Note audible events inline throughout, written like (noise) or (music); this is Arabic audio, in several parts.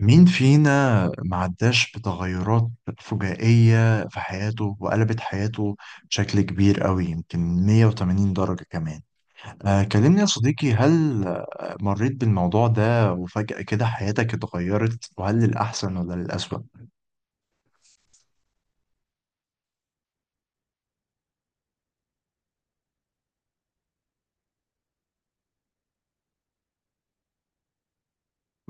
مين فينا معداش بتغيرات فجائية في حياته وقلبت حياته بشكل كبير قوي، يمكن 180 درجة كمان؟ آه، كلمني يا صديقي، هل مريت بالموضوع ده وفجأة كده حياتك اتغيرت؟ وهل للأحسن ولا للأسوأ؟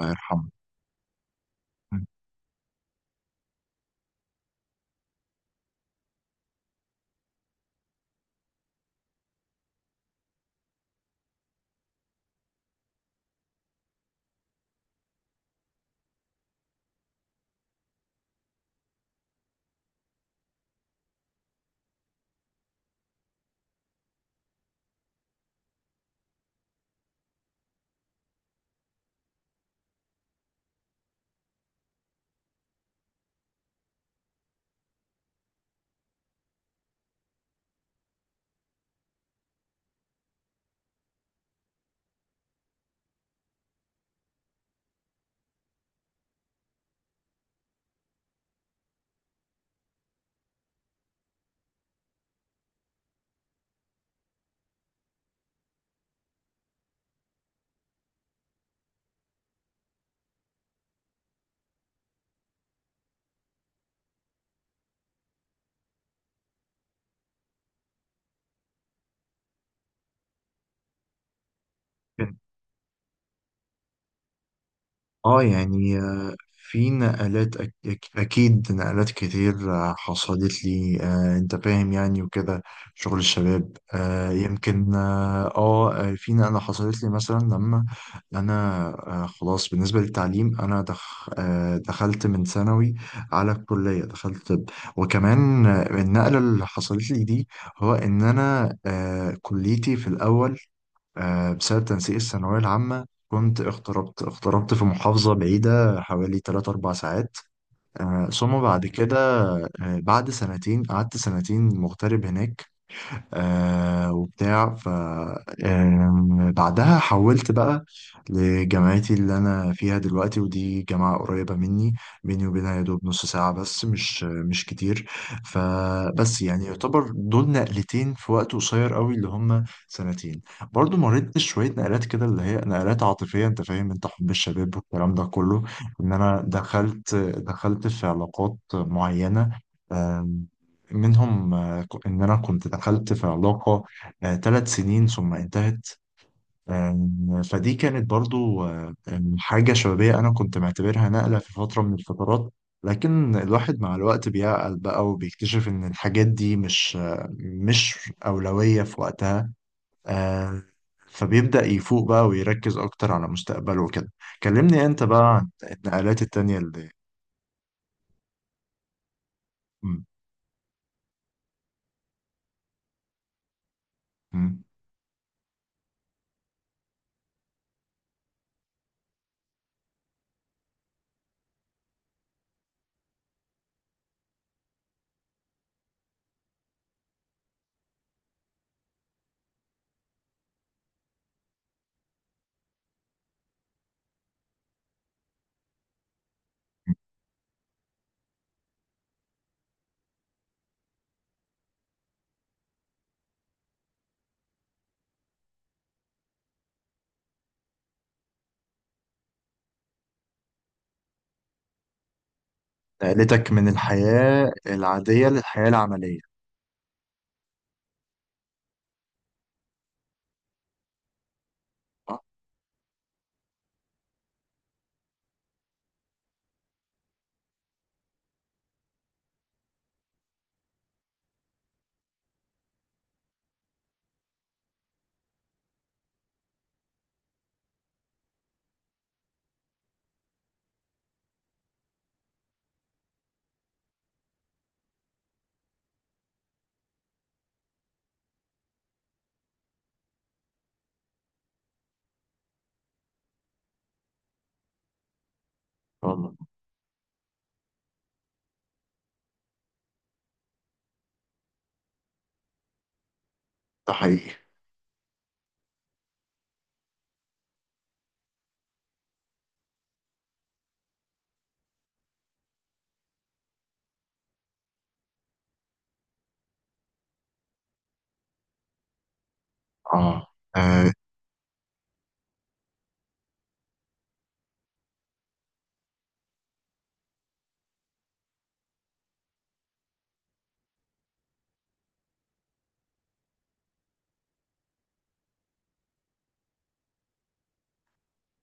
الله يرحمه. اه يعني في نقلات أكيد، نقلات كتير حصلت لي، أنت فاهم يعني وكده، شغل الشباب، يمكن. في نقلة حصلت لي مثلا لما أنا، خلاص بالنسبة للتعليم، أنا دخ... آه، دخلت من ثانوي على الكلية، دخلت طب. وكمان النقلة اللي حصلت لي دي، هو إن أنا كليتي في الأول بسبب تنسيق الثانوية العامة كنت اغتربت في محافظة بعيدة حوالي 3 4 ساعات. ثم بعد كده، بعد سنتين، قعدت سنتين مغترب هناك، آه وبتاع ف آم، بعدها حولت بقى لجامعتي اللي انا فيها دلوقتي، ودي جامعة قريبة مني، بيني وبينها يا دوب نص ساعة بس، مش كتير. فبس يعني يعتبر دول نقلتين في وقت قصير قوي، اللي هم سنتين. برضو مريت شوية نقلات كده اللي هي نقلات عاطفية، انت فاهم، انت حب الشباب والكلام ده كله، ان انا دخلت في علاقات معينة. آم، منهم إن أنا كنت دخلت في علاقة 3 سنين ثم انتهت. فدي كانت برضو آه، آم، حاجة شبابية، أنا كنت معتبرها نقلة في فترة من الفترات. لكن الواحد مع الوقت بيعقل بقى، وبيكتشف إن الحاجات دي مش أولوية في وقتها. آه، فبيبدأ يفوق بقى ويركز أكتر على مستقبله وكده. كلمني أنت بقى عن النقلات التانية اللي م- م. نقلتك من الحياة العادية للحياة العملية. صح؟ والله. ده حقيقي. اه، آه،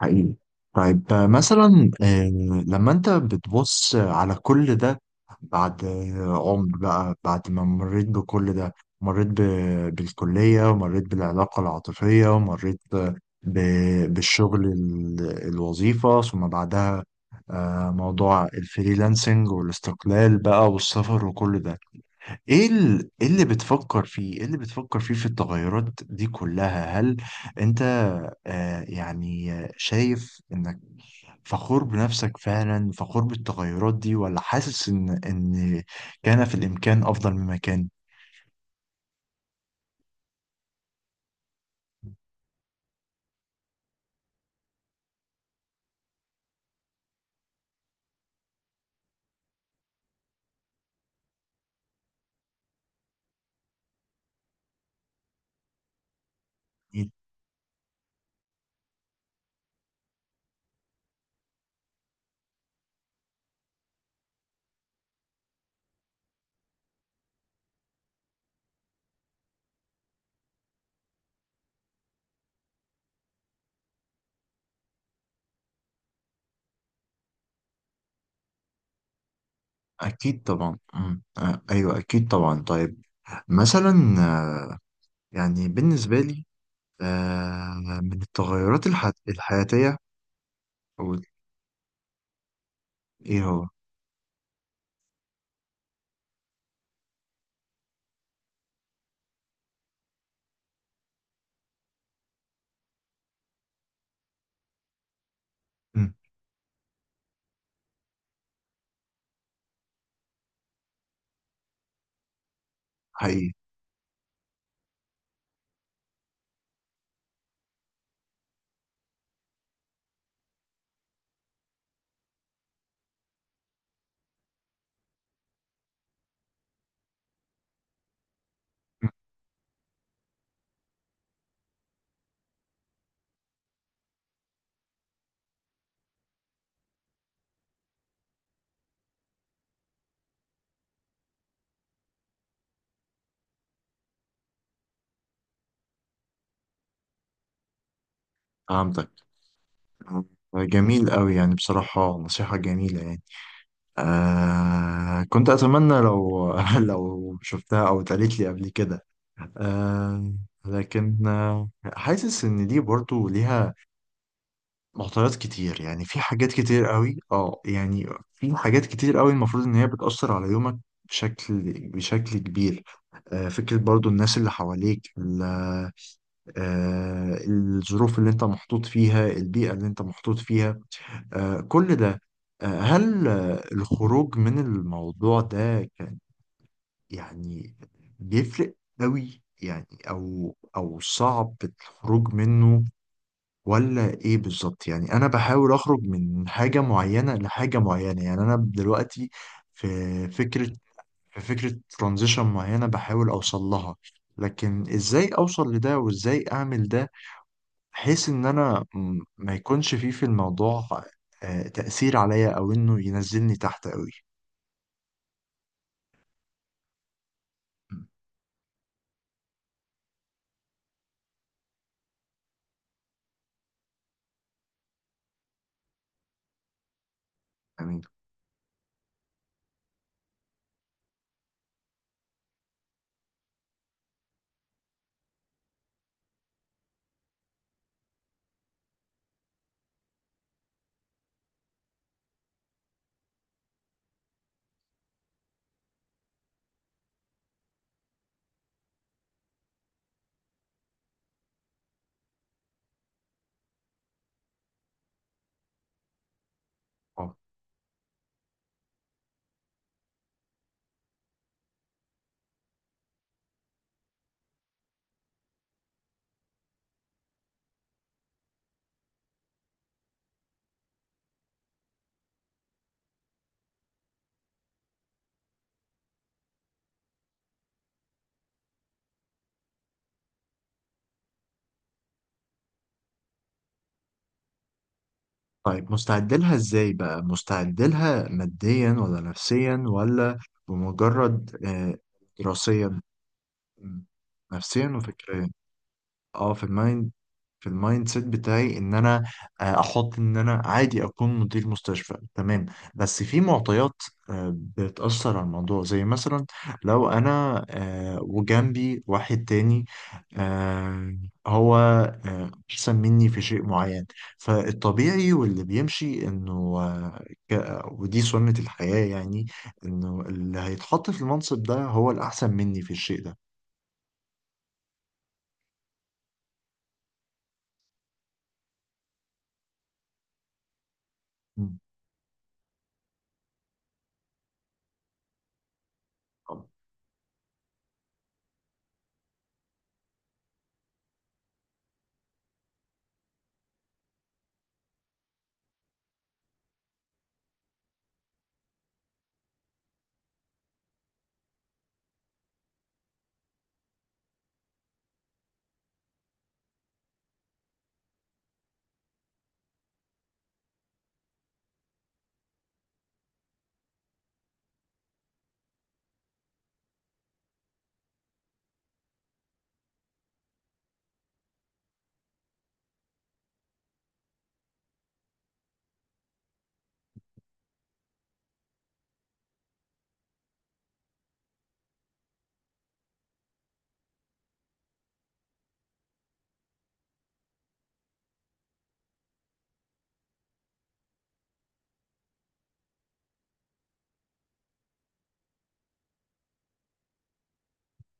حقيقي. طيب آه، مثلا آه، لما انت بتبص على كل ده بعد عمر بقى، بعد ما مريت بكل ده، مريت بالكلية، ومريت بالعلاقة العاطفية، ومريت بالشغل الوظيفة، ثم بعدها موضوع الفريلانسنج والاستقلال بقى والسفر وكل ده. إيه اللي بتفكر فيه؟ ايه اللي بتفكر فيه في التغيرات دي كلها؟ هل انت يعني شايف انك فخور بنفسك فعلا، فخور بالتغيرات دي، ولا حاسس ان كان في الامكان افضل مما كان؟ اكيد. أكيد طبعا، أمم، آه ايوه اكيد طبعا. طيب مثلا، آه يعني بالنسبة لي، آه من التغيرات الحياتية. أو. ايه هو؟ أمم. حقيقي. أمم. فهمتك. آه، جميل قوي يعني، بصراحة نصيحة جميلة يعني. كنت أتمنى لو (laughs) لو شفتها أو اتقالت لي قبل كده. آه لكن حاسس إن دي برضو ليها معطيات كتير، يعني في حاجات كتير قوي يعني، في حاجات كتير قوي المفروض إن هي بتأثر على يومك بشكل بشكل كبير. فكرة برضو الناس اللي حواليك، الظروف اللي انت محطوط فيها، البيئة اللي انت محطوط فيها، كل ده. هل الخروج من الموضوع ده كان يعني بيفرق قوي يعني، او صعب الخروج منه، ولا ايه بالظبط؟ يعني انا بحاول اخرج من حاجة معينة لحاجة معينة. يعني انا دلوقتي في فكرة في فكرة ترانزيشن معينة بحاول اوصل لها. لكن ازاي اوصل لده، وازاي اعمل ده، بحيث ان انا ما يكونش فيه في الموضوع تأثير عليا، او انه ينزلني تحت قوي. امين. اه. طيب، مستعد لها ازاي بقى؟ مستعد لها ماديا ولا نفسيا ولا بمجرد دراسيا؟ م. نفسيا وفكريا. اه، في المايند سيت بتاعي ان انا احط ان انا عادي اكون مدير مستشفى، تمام. بس في معطيات بتأثر على الموضوع، زي مثلا لو انا وجنبي واحد تاني، آه، هو احسن مني في شيء معين. فالطبيعي واللي بيمشي انه، آه، ودي سنة الحياة يعني، انه اللي هيتحط في المنصب ده هو الاحسن مني في الشيء ده.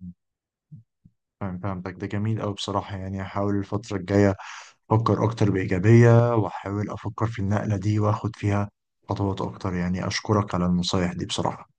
مم. فاهم، فهمتك، ده جميل أوي بصراحة. يعني هحاول الفترة الجاية أفكر أكتر بإيجابية، وأحاول أفكر في النقلة دي، وأخد فيها خطوات أكتر، يعني أشكرك على النصايح دي بصراحة.